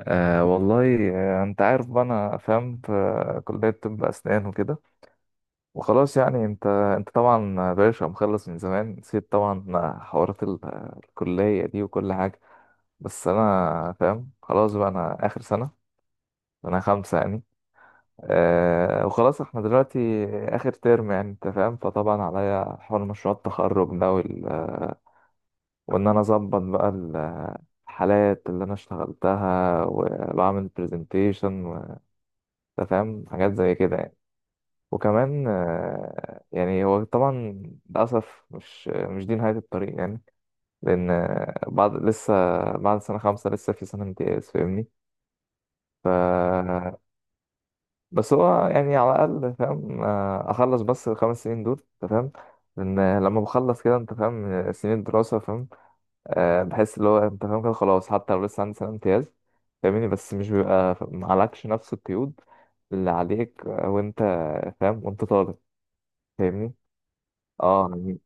والله انت عارف بقى انا فاهم في كلية طب اسنان وكده وخلاص يعني انت طبعا باشا مخلص من زمان، نسيت طبعا حوارات الكلية دي وكل حاجة. بس انا فاهم خلاص بقى انا اخر سنة، انا خمسة يعني. وخلاص احنا دلوقتي اخر ترم يعني انت فاهم. فطبعا عليا حوار مشروع التخرج ده وان انا اظبط بقى الحالات اللي انا اشتغلتها وبعمل برزنتيشن، انت فاهم حاجات زي كده يعني. وكمان يعني هو طبعا للأسف مش دي نهاية الطريق يعني، لأن بعد لسه، بعد سنة خمسة لسه في سنة امتياز فاهمني. ف بس هو يعني على الأقل فاهم، أخلص بس الخمس سنين دول أنت فاهم. لأن لما بخلص كده أنت فاهم سنين الدراسة فاهم، بحس اللي هو أنت فاهم كده خلاص، حتى لو لسه عندي سنة امتياز فاهمني، بس مش بيبقى معلكش نفس القيود اللي عليك وأنت فاهم وأنت طالب فاهمني. اه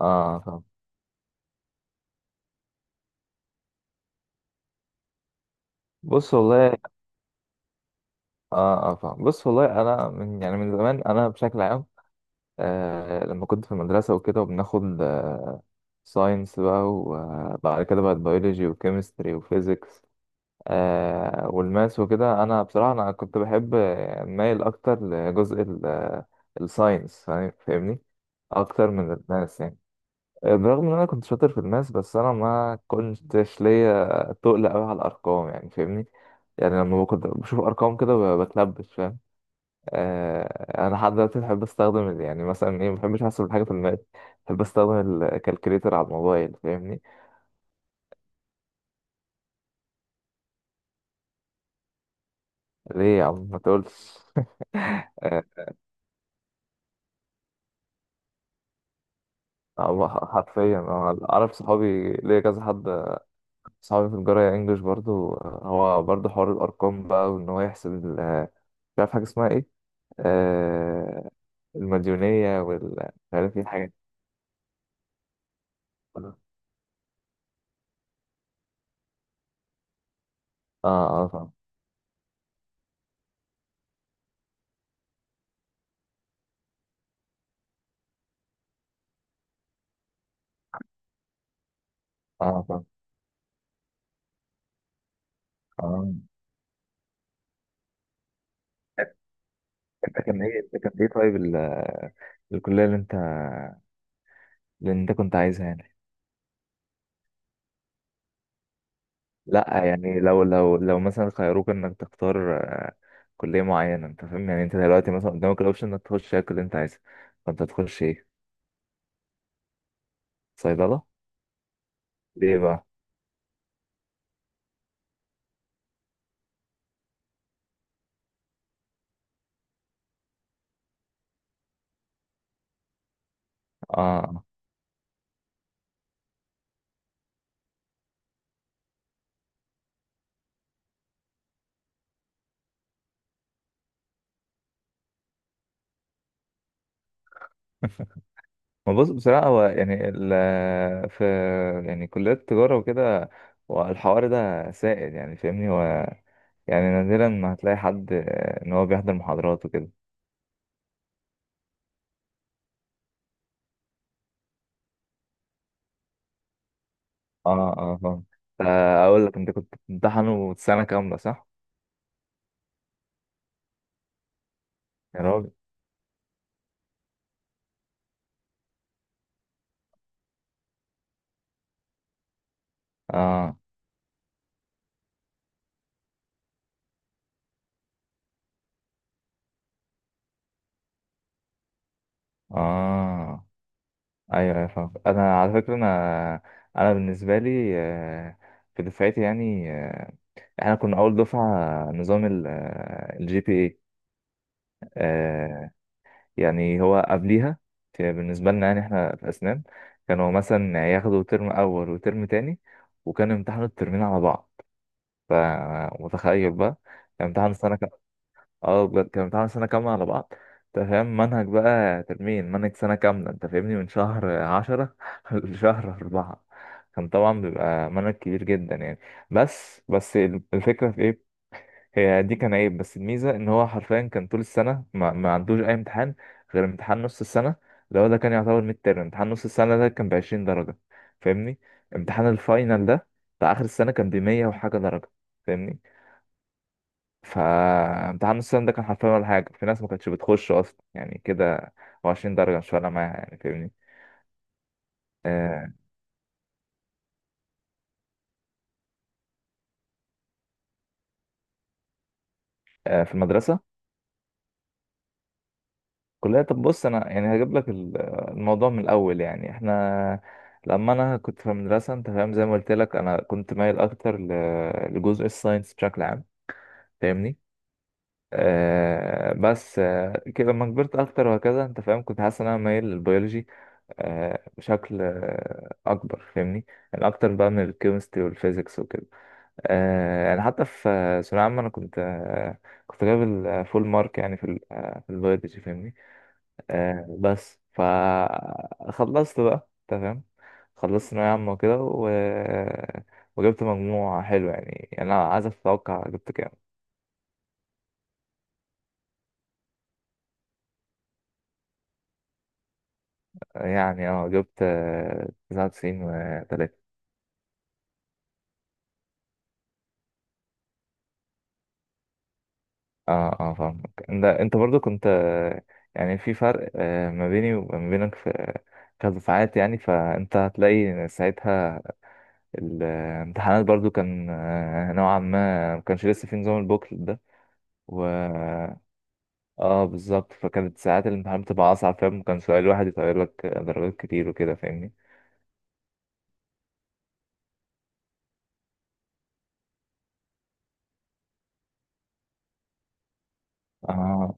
اه فاهم بص والله. اه اه فاهم بص والله، انا من يعني من زمان انا بشكل عام لما كنت في المدرسه وكده وبناخد ساينس بقى، وبعد كده بقى بيولوجي وكيمستري وفيزيكس والماس وكده، انا بصراحه انا كنت بحب، مايل اكتر لجزء الساينس فاهمني، اكتر من الماس يعني. برغم ان انا كنت شاطر في الماس بس انا ما كنتش ليا تقل قوي على الارقام يعني فاهمني. يعني لما كنت بشوف ارقام كده بتلبش فاهم. انا لحد دلوقتي بحب استخدم يعني مثلا ايه، ما بحبش احسب الحاجه في الماس، بحب استخدم الكالكوليتر على الموبايل فاهمني. ليه يا عم ما تقولش آه هو حرفيا أنا اعرف صحابي ليا كذا حد، صحابي في الجرايه انجلش برضو، هو برضو حوار الارقام بقى، وان هو يحسب مش عارف حاجه اسمها ايه، آه، المديونية مش عارف ايه الحاجات دي. كلها. اه اه فاهم. اه فاهم. اه ده كان ايه، ده كان ايه طيب الكلية اللي انت، اللي انت كنت عايزها يعني. لا يعني لو مثلا خيروك انك تختار كلية معينة، انت فاهم يعني انت دلوقتي مثلا قدامك الاوبشن انك تخش ايه اللي انت عايزها، فانت هتخش ايه؟ صيدلة ليه بقى؟ اه آه. ما بص بصراحة هو يعني ال في يعني كليات التجارة وكده، والحوار ده سائد يعني فاهمني. هو يعني نادرا ما هتلاقي حد ان هو بيحضر محاضرات وكده. اه اه فاهم. اقول لك انت كنت بتمتحن سنة كاملة صح؟ يا راجل. اه اه. ايوه ايوه فاهم. انا على فكرة انا بالنسبة لي، في دفعتي يعني، احنا كنا اول دفعة نظام الجي بي اي. يعني هو قبليها بالنسبة لنا يعني احنا في اسنان، كانوا مثلا ياخدوا ترم اول وترم تاني، وكانوا يمتحنوا الترمين على بعض. فمتخيل بقى، كان امتحان سنة كام؟ اه بجد كان امتحان سنة كاملة على بعض، انت فاهم منهج بقى ترمين، منهج سنة كاملة انت فاهمني، من شهر عشرة لشهر أربعة. كان طبعا بيبقى منهج كبير جدا يعني. بس بس الفكرة في ايه، هي دي كان عيب، بس الميزة ان هو حرفيا كان طول السنة ما عندوش أي امتحان غير امتحان نص السنة، اللي هو ده كان يعتبر ميد ترم. امتحان نص السنة ده كان بعشرين درجة فاهمني، امتحان الفاينل ده بتاع آخر السنة كان بمية وحاجة درجة فاهمني. فامتحان نص السنة ده كان حرفيا ولا حاجة، في ناس ما كانتش بتخش أصلا يعني كده، هو 20 درجة مش فارقة معاها يعني فاهمني. آه. آه في المدرسة. كلها طب. بص أنا يعني هجيب لك الموضوع من الأول يعني. إحنا لما أنا كنت في المدرسة أنت فاهم، زي ما قلت لك أنا كنت مايل أكتر لجزء الساينس بشكل عام فاهمني. بس كده لما كبرت اكتر وهكذا انت فاهم كنت حاسس ان انا مايل للبيولوجي، بشكل اكبر فاهمني، يعني اكتر بقى من الكيمستري والفيزيكس وكده. يعني حتى في ثانوية عامة انا كنت كنت جايب الفول مارك يعني في في البيولوجي فاهمني. بس فخلصت بقى انت فاهم، خلصت ثانوية عامة وكده وجبت مجموع حلو يعني. يعني انا عايز اتوقع جبت كام. يعني اه جبت، تسعة وتسعين وتلاتة. اه اه فاهمك. انت برضو كنت، يعني في فرق ما بيني وما بينك في كدفعات يعني، فانت هتلاقي ساعتها الامتحانات برضو كان نوعا ما ما كانش لسه في نظام البوكلت ده. و اه بالظبط، فكانت ساعات الامتحان بتبقى اصعب فاهم، كان سؤال واحد يطير لك درجات كتير وكده فاهمني. اه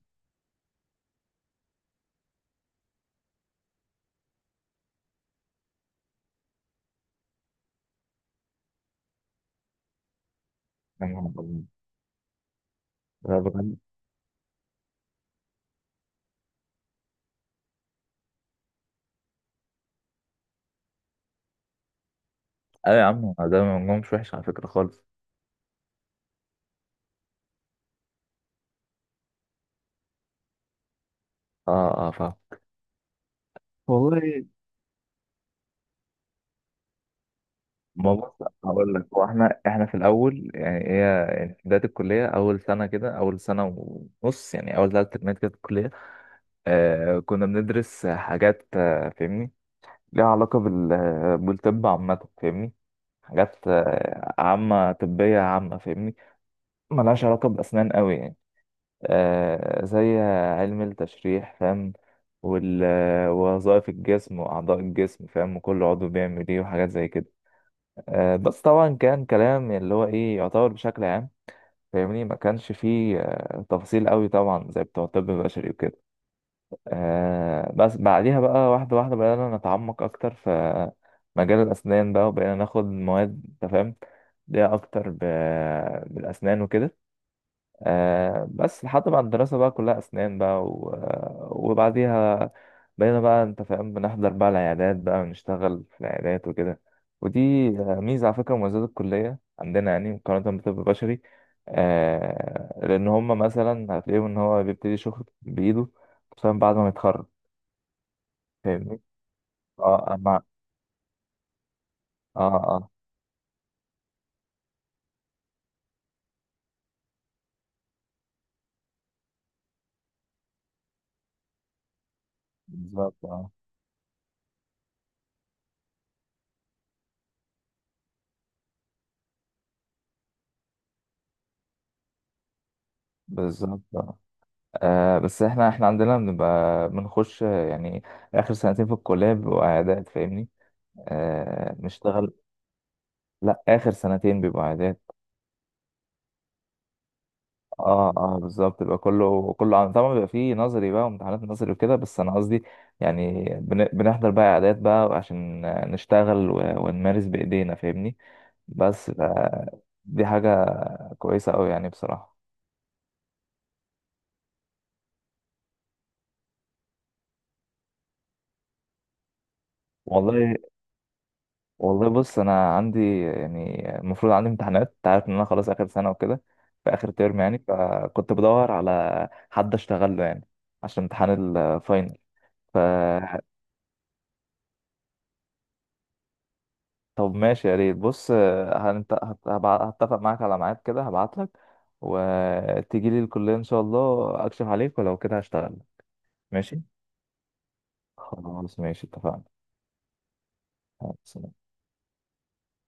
يا نهار أبيض. لا بجد ايوه يا عم، ده مجموع مش وحش على فكرة خالص. اه اه فاهم. والله ما بص هقول لك. هو احنا في الاول يعني، هي يعني في بدايه الكليه، اول سنه كده، اول سنه ونص يعني، اول ثلاث ترمات كده في الكليه، كنا بندرس حاجات، فاهمني، ليها علاقه بالطب عامه فاهمني، حاجات عامه طبيه عامه فاهمني، ملهاش علاقه باسنان قوي يعني. زي علم التشريح فاهم، ووظائف الجسم واعضاء الجسم فاهم، وكل عضو بيعمل ايه وحاجات زي كده. بس طبعا كان كلام اللي هو ايه يعتبر بشكل عام فاهمني، ما كانش فيه تفاصيل قوي طبعا زي بتوع الطب البشري وكده. بس بعديها بقى واحدة واحدة بدأنا نتعمق أكتر في مجال الأسنان بقى، وبقينا ناخد مواد أنت فاهم ليها أكتر بالأسنان وكده. بس لحد ما الدراسة بقى كلها أسنان بقى وبعديها بقينا بقى أنت فاهم بنحضر بقى العيادات بقى، ونشتغل في العيادات وكده. ودي ميزة على فكرة، مميزات الكلية عندنا يعني مقارنة بالطب البشري، لأن هما مثلا هتلاقيهم إن هو بيبتدي شغل بإيده خصوصا بعد ما يتخرج. فاهمني؟ اه أما. اه اه بالظبط. اه بالظبط اه. بس احنا عندنا بنبقى بنخش يعني آخر سنتين في الكلية بيبقوا عيادات فاهمني؟ نشتغل. لا اخر سنتين بيبقوا عادات. اه اه بالظبط، بيبقى كله كله عن، طبعا بيبقى فيه نظري بقى وامتحانات نظري وكده، بس انا قصدي يعني بنحضر بقى عادات بقى عشان نشتغل ونمارس بايدينا فاهمني. بس دي حاجة كويسة أوي يعني بصراحة. والله والله بص أنا عندي، يعني المفروض عندي امتحانات أنت عارف إن أنا خلاص آخر سنة وكده، في آخر ترم يعني، فكنت بدور على حد أشتغل له يعني عشان امتحان الفاينل. ف طب ماشي يا ريت. بص هتفق معاك على ميعاد كده، هبعت لك وتيجي لي الكلية إن شاء الله، أكشف عليك ولو كده هشتغل. ماشي، خلاص، ماشي اتفقنا. يلا، سلام.